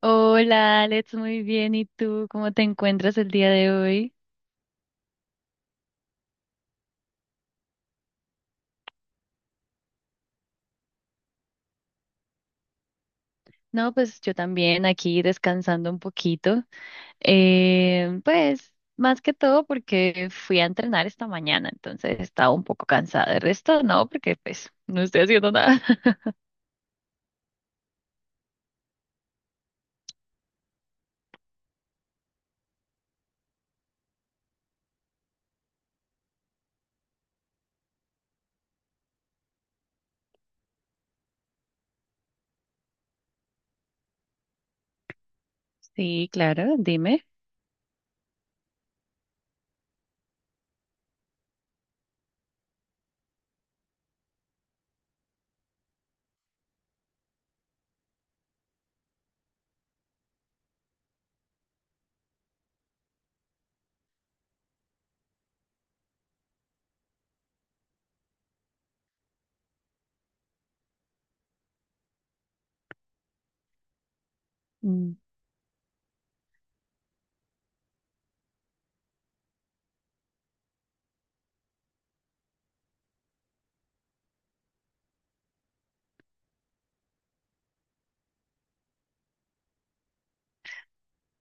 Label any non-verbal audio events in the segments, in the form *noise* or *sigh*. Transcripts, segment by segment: Hola Alex, muy bien. ¿Y tú cómo te encuentras el día de hoy? No, pues yo también aquí descansando un poquito. Pues más que todo porque fui a entrenar esta mañana, entonces estaba un poco cansada. El resto no, porque pues no estoy haciendo nada. *laughs* Sí, claro, dime. Mm.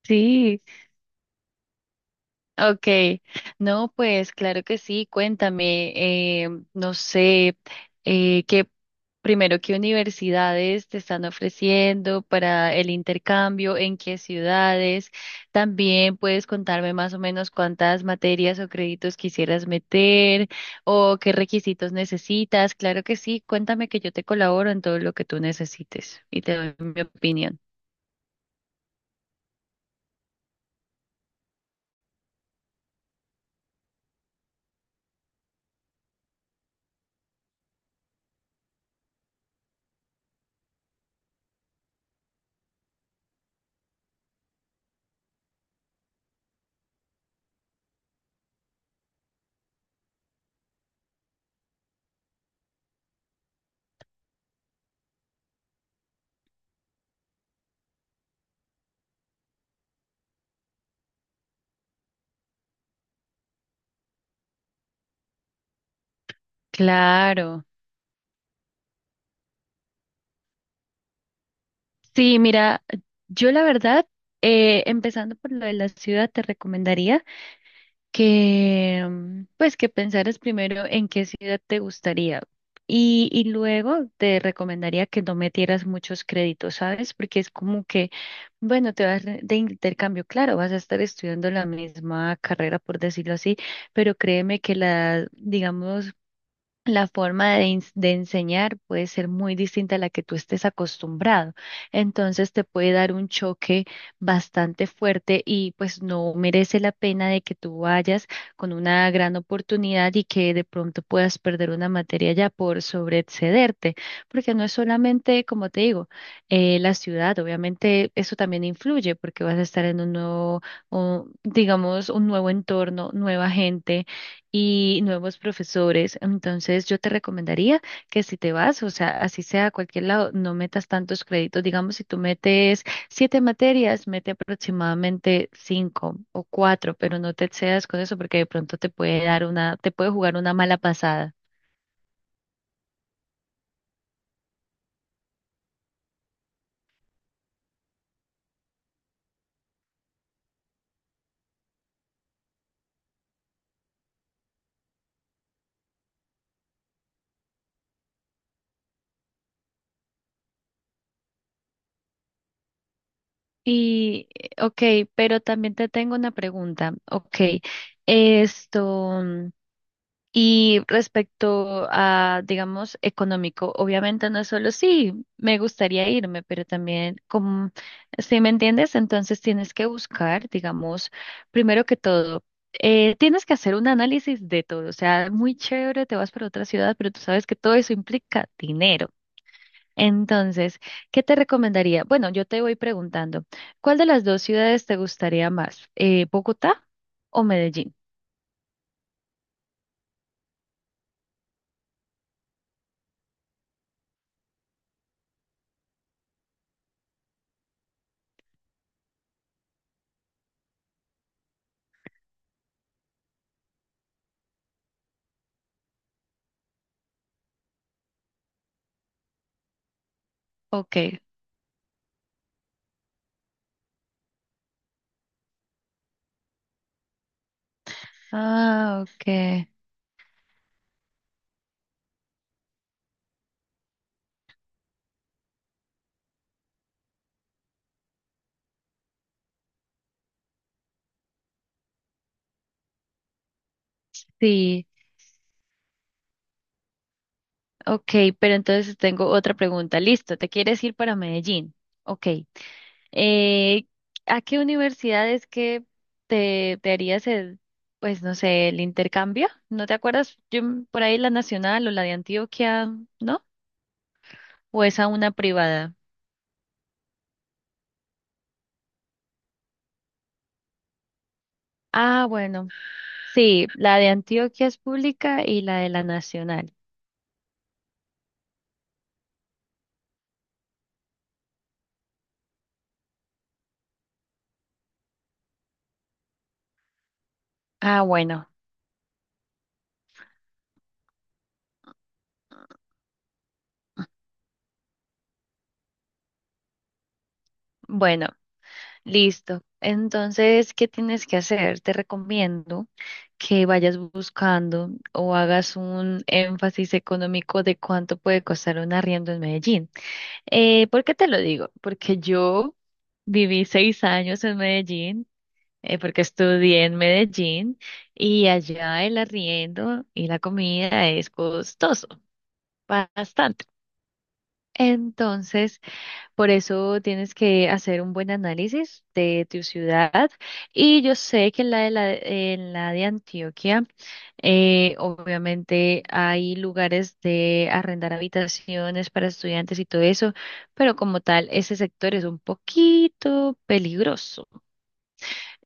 Sí. Okay, no, pues claro que sí, cuéntame, no sé, eh, qué, primero, qué universidades te están ofreciendo para el intercambio, en qué ciudades, también puedes contarme más o menos cuántas materias o créditos quisieras meter o qué requisitos necesitas. Claro que sí, cuéntame, que yo te colaboro en todo lo que tú necesites y te doy mi opinión. Claro. Sí, mira, yo la verdad, empezando por lo de la ciudad, te recomendaría que, pues, que pensaras primero en qué ciudad te gustaría, y luego te recomendaría que no metieras muchos créditos, ¿sabes? Porque es como que, bueno, te vas de intercambio, claro, vas a estar estudiando la misma carrera, por decirlo así, pero créeme que la, digamos, la forma de, de enseñar puede ser muy distinta a la que tú estés acostumbrado. Entonces te puede dar un choque bastante fuerte y pues no merece la pena de que tú vayas con una gran oportunidad y que de pronto puedas perder una materia ya por sobreexcederte. Porque no es solamente, como te digo, la ciudad. Obviamente eso también influye porque vas a estar en un nuevo, o, digamos, un nuevo entorno, nueva gente y nuevos profesores. Entonces, yo te recomendaría que si te vas, o sea, así sea a cualquier lado, no metas tantos créditos. Digamos, si tú metes siete materias, mete aproximadamente cinco o cuatro, pero no te excedas con eso porque de pronto te puede dar una, te puede jugar una mala pasada. Y, ok, pero también te tengo una pregunta. Ok, esto. Y respecto a, digamos, económico, obviamente no es solo sí, me gustaría irme, pero también, como, si me entiendes, entonces tienes que buscar, digamos, primero que todo, tienes que hacer un análisis de todo. O sea, muy chévere, te vas para otra ciudad, pero tú sabes que todo eso implica dinero. Entonces, ¿qué te recomendaría? Bueno, yo te voy preguntando, ¿cuál de las dos ciudades te gustaría más? ¿Bogotá o Medellín? Ok. Ah, ok. Sí, ok, pero entonces tengo otra pregunta. Listo, ¿te quieres ir para Medellín? Ok. Eh, ¿A qué universidad es que te harías el, pues no sé, el intercambio? ¿No te acuerdas? Yo por ahí la Nacional o la de Antioquia, ¿no? ¿O es a una privada? Ah, bueno, sí, la de Antioquia es pública y la de la Nacional. Ah, bueno, bueno. Listo. Entonces, ¿qué tienes que hacer? Te recomiendo que vayas buscando o hagas un énfasis económico de cuánto puede costar un arriendo en Medellín. ¿Por qué te lo digo? Porque yo viví 6 años en Medellín, porque estudié en Medellín, y allá el arriendo y la comida es costoso, bastante. Entonces, por eso tienes que hacer un buen análisis de tu ciudad. Y yo sé que en la de, la, en la de Antioquia, obviamente hay lugares de arrendar habitaciones para estudiantes y todo eso, pero como tal, ese sector es un poquito peligroso.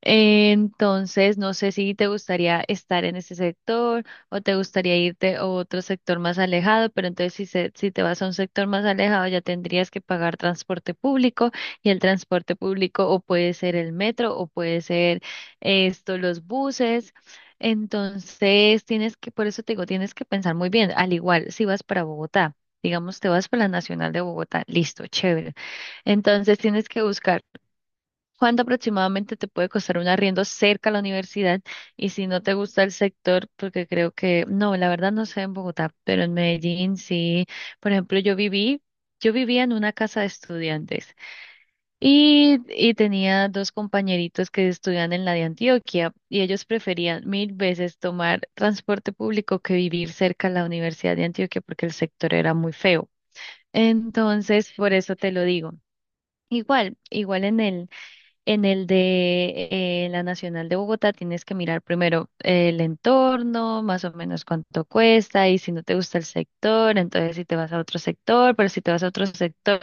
Entonces, no sé si te gustaría estar en ese sector o te gustaría irte a otro sector más alejado, pero entonces si te vas a un sector más alejado, ya tendrías que pagar transporte público, y el transporte público o puede ser el metro o puede ser los buses. Entonces, tienes que, por eso te digo, tienes que pensar muy bien, al igual si vas para Bogotá. Digamos, te vas para la Nacional de Bogotá, listo, chévere. Entonces tienes que buscar cuánto aproximadamente te puede costar un arriendo cerca a la universidad, y si no te gusta el sector, porque creo que, no, la verdad no sé en Bogotá, pero en Medellín sí. Por ejemplo, yo vivía en una casa de estudiantes, y tenía dos compañeritos que estudian en la de Antioquia y ellos preferían mil veces tomar transporte público que vivir cerca a la Universidad de Antioquia porque el sector era muy feo. Entonces, por eso te lo digo. Igual, igual en él. En el de la Nacional de Bogotá tienes que mirar primero el entorno, más o menos cuánto cuesta, y si no te gusta el sector, entonces si te vas a otro sector, pero si te vas a otro sector,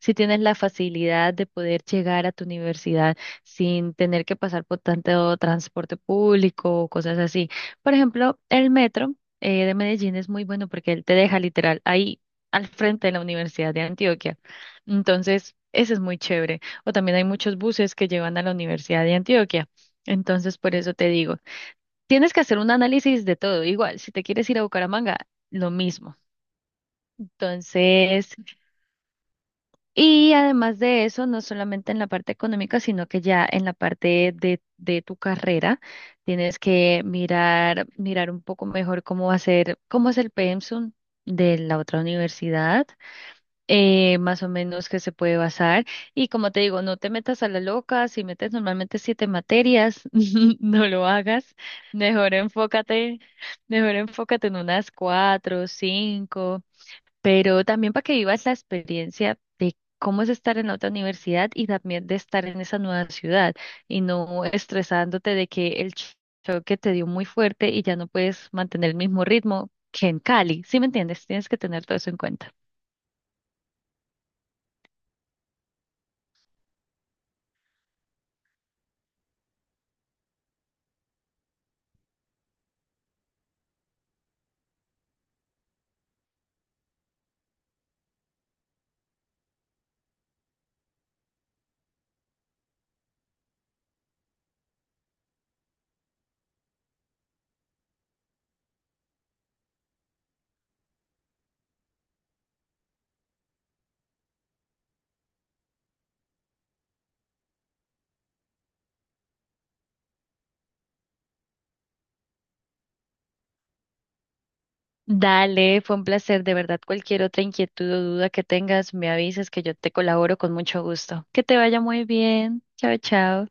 si tienes la facilidad de poder llegar a tu universidad sin tener que pasar por tanto transporte público o cosas así. Por ejemplo, el metro de Medellín es muy bueno porque él te deja literal ahí al frente de la Universidad de Antioquia. Entonces, eso es muy chévere, o también hay muchos buses que llevan a la Universidad de Antioquia. Entonces, por eso te digo, tienes que hacer un análisis de todo. Igual, si te quieres ir a Bucaramanga, lo mismo. Entonces, y además de eso, no solamente en la parte económica, sino que ya en la parte de tu carrera, tienes que mirar, mirar un poco mejor cómo va a ser, cómo es el pensum de la otra universidad, más o menos que se puede basar. Y como te digo, no te metas a la loca, si metes normalmente siete materias, *laughs* no lo hagas. Mejor enfócate, mejor enfócate en unas cuatro, cinco, pero también para que vivas la experiencia de cómo es estar en otra universidad y también de estar en esa nueva ciudad, y no estresándote de que el choque te dio muy fuerte y ya no puedes mantener el mismo ritmo que en Cali, ¿sí me entiendes? Tienes que tener todo eso en cuenta. Dale, fue un placer, de verdad. Cualquier otra inquietud o duda que tengas, me avisas que yo te colaboro con mucho gusto. Que te vaya muy bien. Chao, chao.